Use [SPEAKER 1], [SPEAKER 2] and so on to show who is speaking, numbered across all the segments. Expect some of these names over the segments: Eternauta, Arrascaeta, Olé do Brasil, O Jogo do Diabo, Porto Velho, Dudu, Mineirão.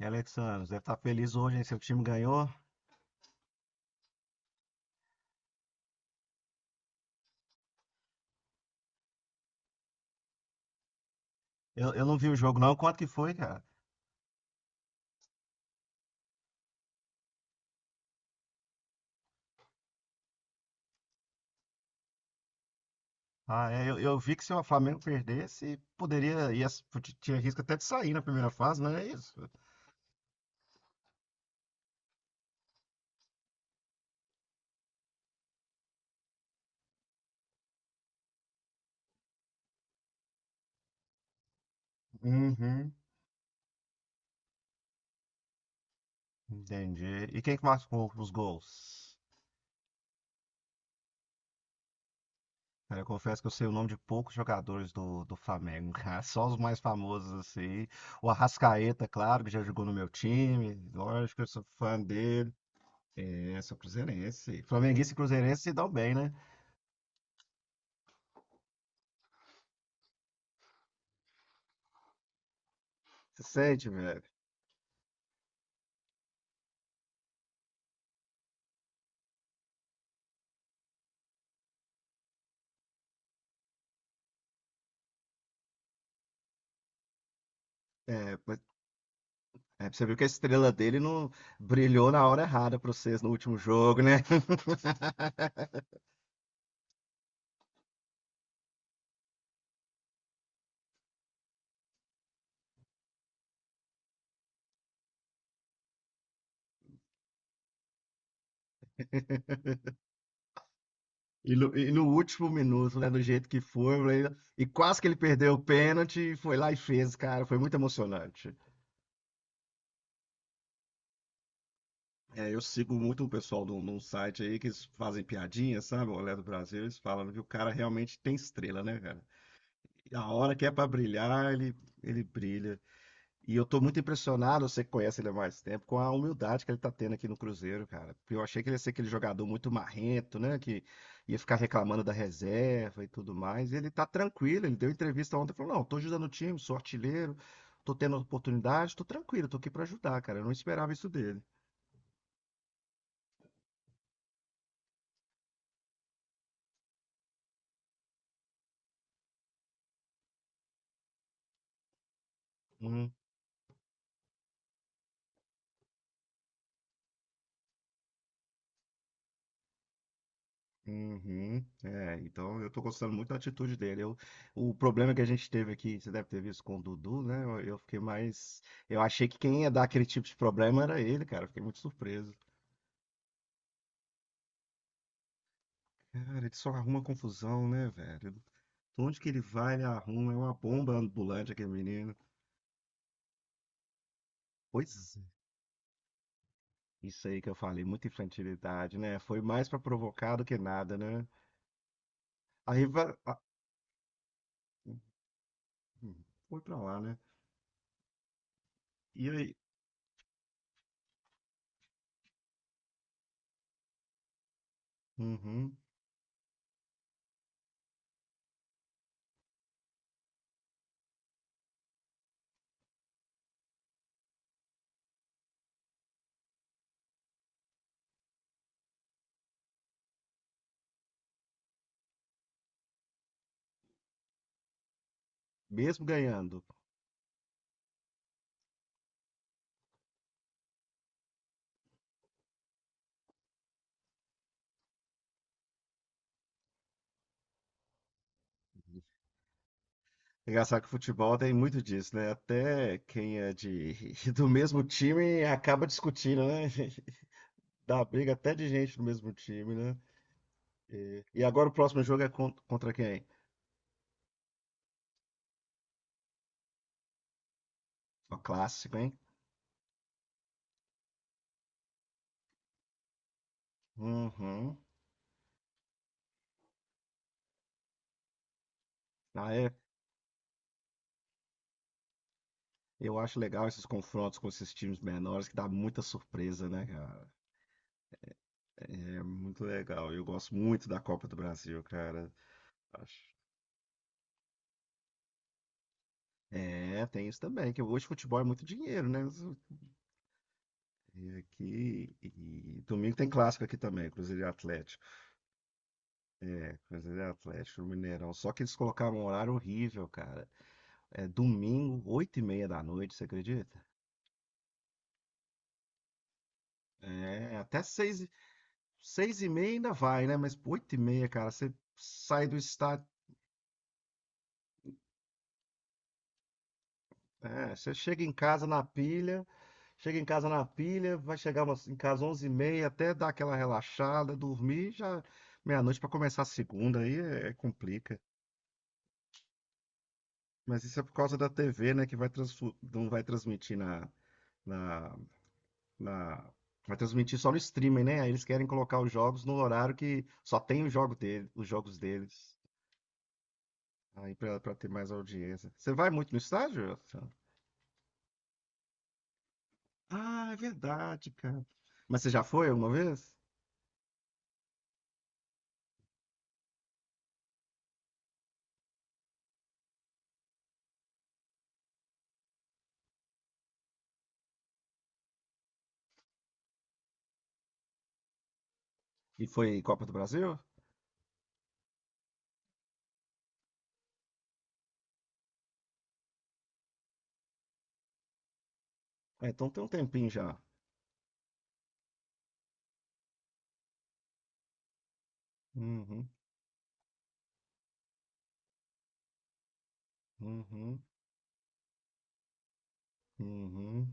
[SPEAKER 1] E Alexandre, deve estar feliz hoje, hein? Seu time ganhou. Eu não vi o jogo, não. Quanto que foi, cara? Ah, é, eu vi que se o Flamengo perdesse, poderia. Tinha risco até de sair na primeira fase, não é isso? Uhum. Entendi. E quem que marcou os gols? Cara, eu confesso que eu sei o nome de poucos jogadores do Flamengo, cara. Só os mais famosos, assim. O Arrascaeta, claro, que já jogou no meu time. Lógico, que eu sou fã dele. É, sou cruzeirense. Flamenguista e cruzeirense se dão bem, né? Se sente, velho. É, você viu que a estrela dele não brilhou na hora errada para vocês no último jogo, né? E no último minuto, né? Do jeito que foi, né, e quase que ele perdeu o pênalti, e foi lá e fez, cara. Foi muito emocionante. É, eu sigo muito um pessoal num site aí que eles fazem piadinha, sabe? O Olé do Brasil, eles falam que o cara realmente tem estrela, né, cara? E a hora que é pra brilhar, ele brilha. E eu tô muito impressionado, você que conhece ele há mais tempo, com a humildade que ele tá tendo aqui no Cruzeiro, cara. Porque eu achei que ele ia ser aquele jogador muito marrento, né? Que ia ficar reclamando da reserva e tudo mais. E ele tá tranquilo, ele deu entrevista ontem, falou, não, tô ajudando o time, sou artilheiro, tô tendo oportunidade, tô tranquilo, tô aqui pra ajudar, cara. Eu não esperava isso dele. Hum. Uhum. É, então eu tô gostando muito da atitude dele. O problema que a gente teve aqui, você deve ter visto com o Dudu, né? Eu fiquei mais. Eu achei que quem ia dar aquele tipo de problema era ele, cara. Eu fiquei muito surpreso. Cara, ele só arruma confusão, né, velho? Onde que ele vai, ele arruma. É uma bomba ambulante aquele menino. Pois é. Isso aí que eu falei, muita infantilidade, né? Foi mais pra provocar do que nada, né? Aí vai. Ah, foi pra lá, né? E aí? Uhum. Mesmo ganhando. É engraçado que o futebol tem muito disso, né? Até quem é de do mesmo time acaba discutindo, né? Dá briga até de gente do mesmo time, né? E agora o próximo jogo é contra quem? O clássico, hein? Uhum. Ah, é. Eu acho legal esses confrontos com esses times menores, que dá muita surpresa, né, cara? É muito legal. Eu gosto muito da Copa do Brasil, cara. Acho- É, tem isso também, que hoje futebol é muito dinheiro, né? E domingo tem clássico aqui também, Cruzeiro e Atlético. É, Cruzeiro e Atlético, no Mineirão. Só que eles colocaram um horário horrível, cara. É domingo, 8h30 da noite, você acredita? É, até 6, 6h30 ainda vai, né? Mas 8h30, cara, você sai do estádio. É, você chega em casa na pilha, chega em casa na pilha, vai chegar em casa 11h30, até dar aquela relaxada, dormir, já meia-noite pra começar a segunda, aí é complica. Mas isso é por causa da TV, né? Que não vai transmitir na, na, vai transmitir só no streaming, né? Aí eles querem colocar os jogos no horário que só tem o jogo dele, os jogos deles. Aí pra ter mais audiência. Você vai muito no estádio, Rafa? Ah, é verdade, cara. Mas você já foi alguma vez? E foi Copa do Brasil? É, então tem um tempinho já. Uhum, uhum, uhum.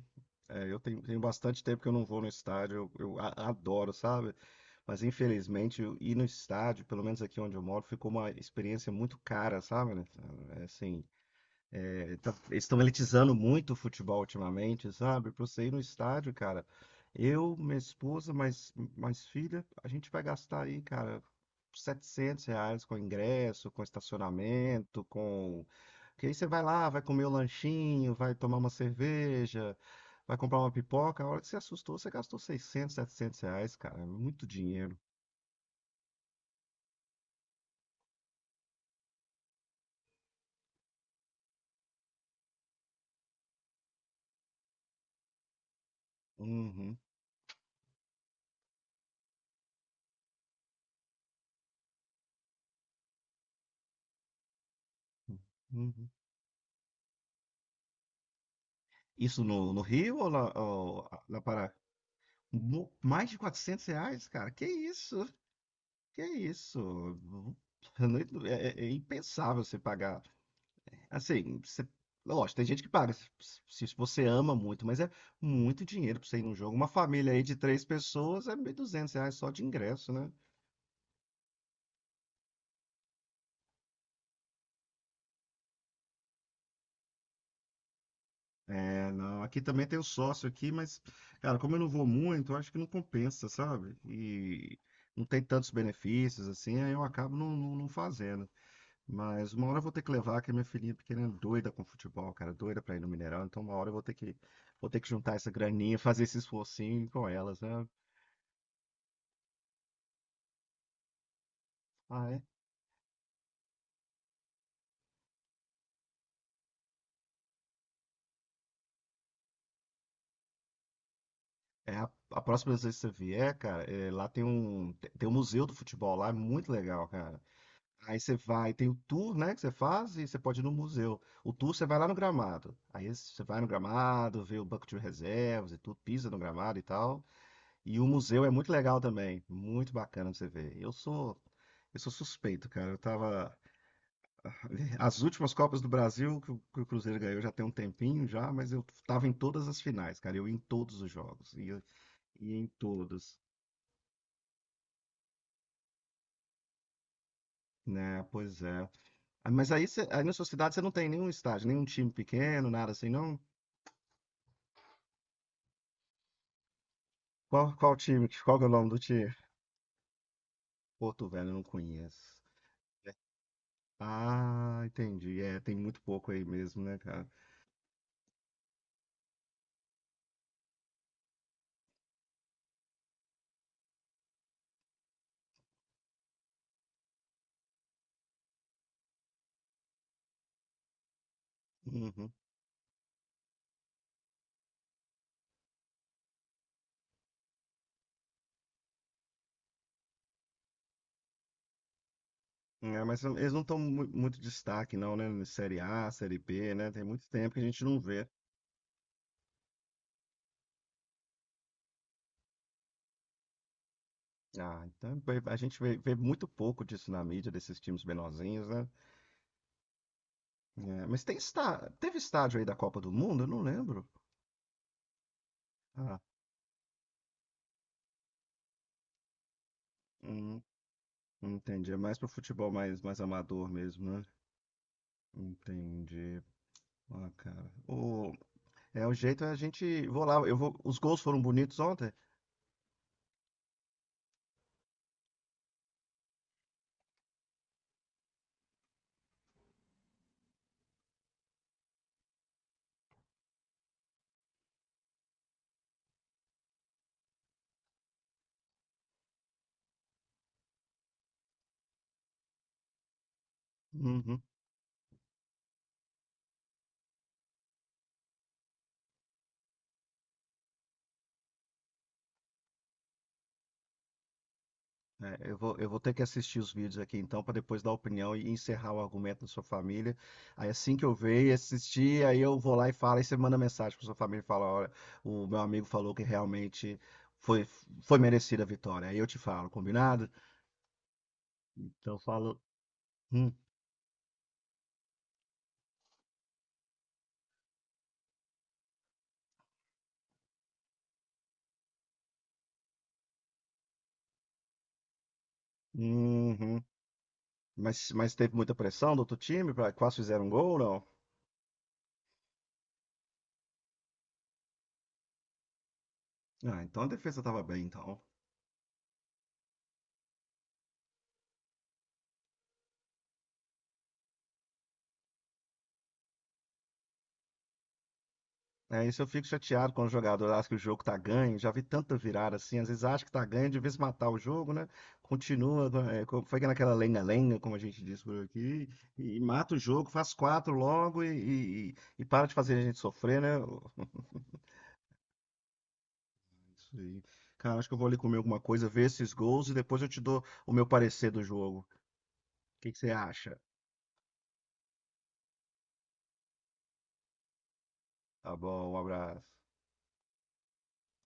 [SPEAKER 1] É, eu tenho bastante tempo que eu não vou no estádio. Eu adoro, sabe? Mas infelizmente eu ir no estádio, pelo menos aqui onde eu moro, ficou uma experiência muito cara, sabe, né? É assim, eles estão elitizando muito o futebol ultimamente, sabe? Pra você ir no estádio, cara, eu, minha esposa, mais filha, a gente vai gastar aí, cara, R$ 700 com ingresso, com estacionamento, com. Porque aí você vai lá, vai comer o lanchinho, vai tomar uma cerveja, vai comprar uma pipoca. A hora que você assustou, você gastou 600, R$ 700, cara. É muito dinheiro. Uhum, uhum. Isso no Rio ou na Pará? Mais de R$ 400, cara? Que isso? Que isso? Uhum. Eu não- É impensável você pagar. Assim, lógico, tem gente que paga se você ama muito, mas é muito dinheiro pra você ir num jogo. Uma família aí de três pessoas é R$ 1.200 só de ingresso, né? É, não, aqui também tem o sócio aqui, mas, cara, como eu não vou muito, eu acho que não compensa, sabe? E não tem tantos benefícios, assim, aí eu acabo não fazendo. Mas uma hora eu vou ter que levar, que minha filhinha pequena é doida com futebol, cara, doida pra ir no Mineirão, então uma hora eu vou ter que juntar essa graninha, fazer esse esforcinho com elas, né? Ah, é? É, a próxima vez que você vier, cara, é, lá tem um, tem um museu do futebol lá, é muito legal, cara. Aí você vai, tem o tour, né, que você faz e você pode ir no museu. O tour você vai lá no gramado. Aí você vai no gramado, vê o banco de reservas e tudo, pisa no gramado e tal. E o museu é muito legal também, muito bacana pra você ver. Eu sou suspeito, cara. Eu tava as últimas Copas do Brasil que o Cruzeiro ganhou já tem um tempinho já, mas eu tava em todas as finais, cara. Eu ia em todos os jogos, ia em todos. Né, pois é. Ah, mas aí, aí na sua cidade você não tem nenhum estádio, nenhum time pequeno, nada assim, não? Qual time? Qual que é o nome do time? Porto Velho, eu não conheço. Ah, entendi. É, tem muito pouco aí mesmo, né, cara? Uhum. É, mas eles não estão muito destaque, não, né? Série A, Série B, né? Tem muito tempo que a gente não vê. Ah, então a gente vê muito pouco disso na mídia, desses times menorzinhos, né? É, mas teve estádio aí da Copa do Mundo? Eu não lembro. Ah, hum, entendi. É mais pro futebol mais, amador mesmo, né? Entendi. Ah, cara. É, o jeito é a gente. Vou lá, eu vou. Os gols foram bonitos ontem? Uhum. É, eu vou ter que assistir os vídeos aqui então, para depois dar opinião e encerrar o argumento da sua família. Aí assim que eu ver e assistir, aí eu vou lá e falo, aí você manda mensagem para sua família e fala: olha, o meu amigo falou que realmente foi, foi merecida a vitória. Aí eu te falo, combinado? Então eu falo. Hum, uhum. Mas teve muita pressão do outro time? Quase fizeram gol, não? Ah, então a defesa estava bem, então. É, isso eu fico chateado quando o jogador acha que o jogo tá ganho. Já vi tanta virada assim, às vezes acha que tá ganho, de vez matar o jogo, né? Continua, foi naquela lenga-lenga, como a gente diz por aqui, e mata o jogo, faz quatro logo e para de fazer a gente sofrer, né? Isso aí. Cara, acho que eu vou ali comer alguma coisa, ver esses gols e depois eu te dou o meu parecer do jogo. O que que você acha? Tá bom, um abraço.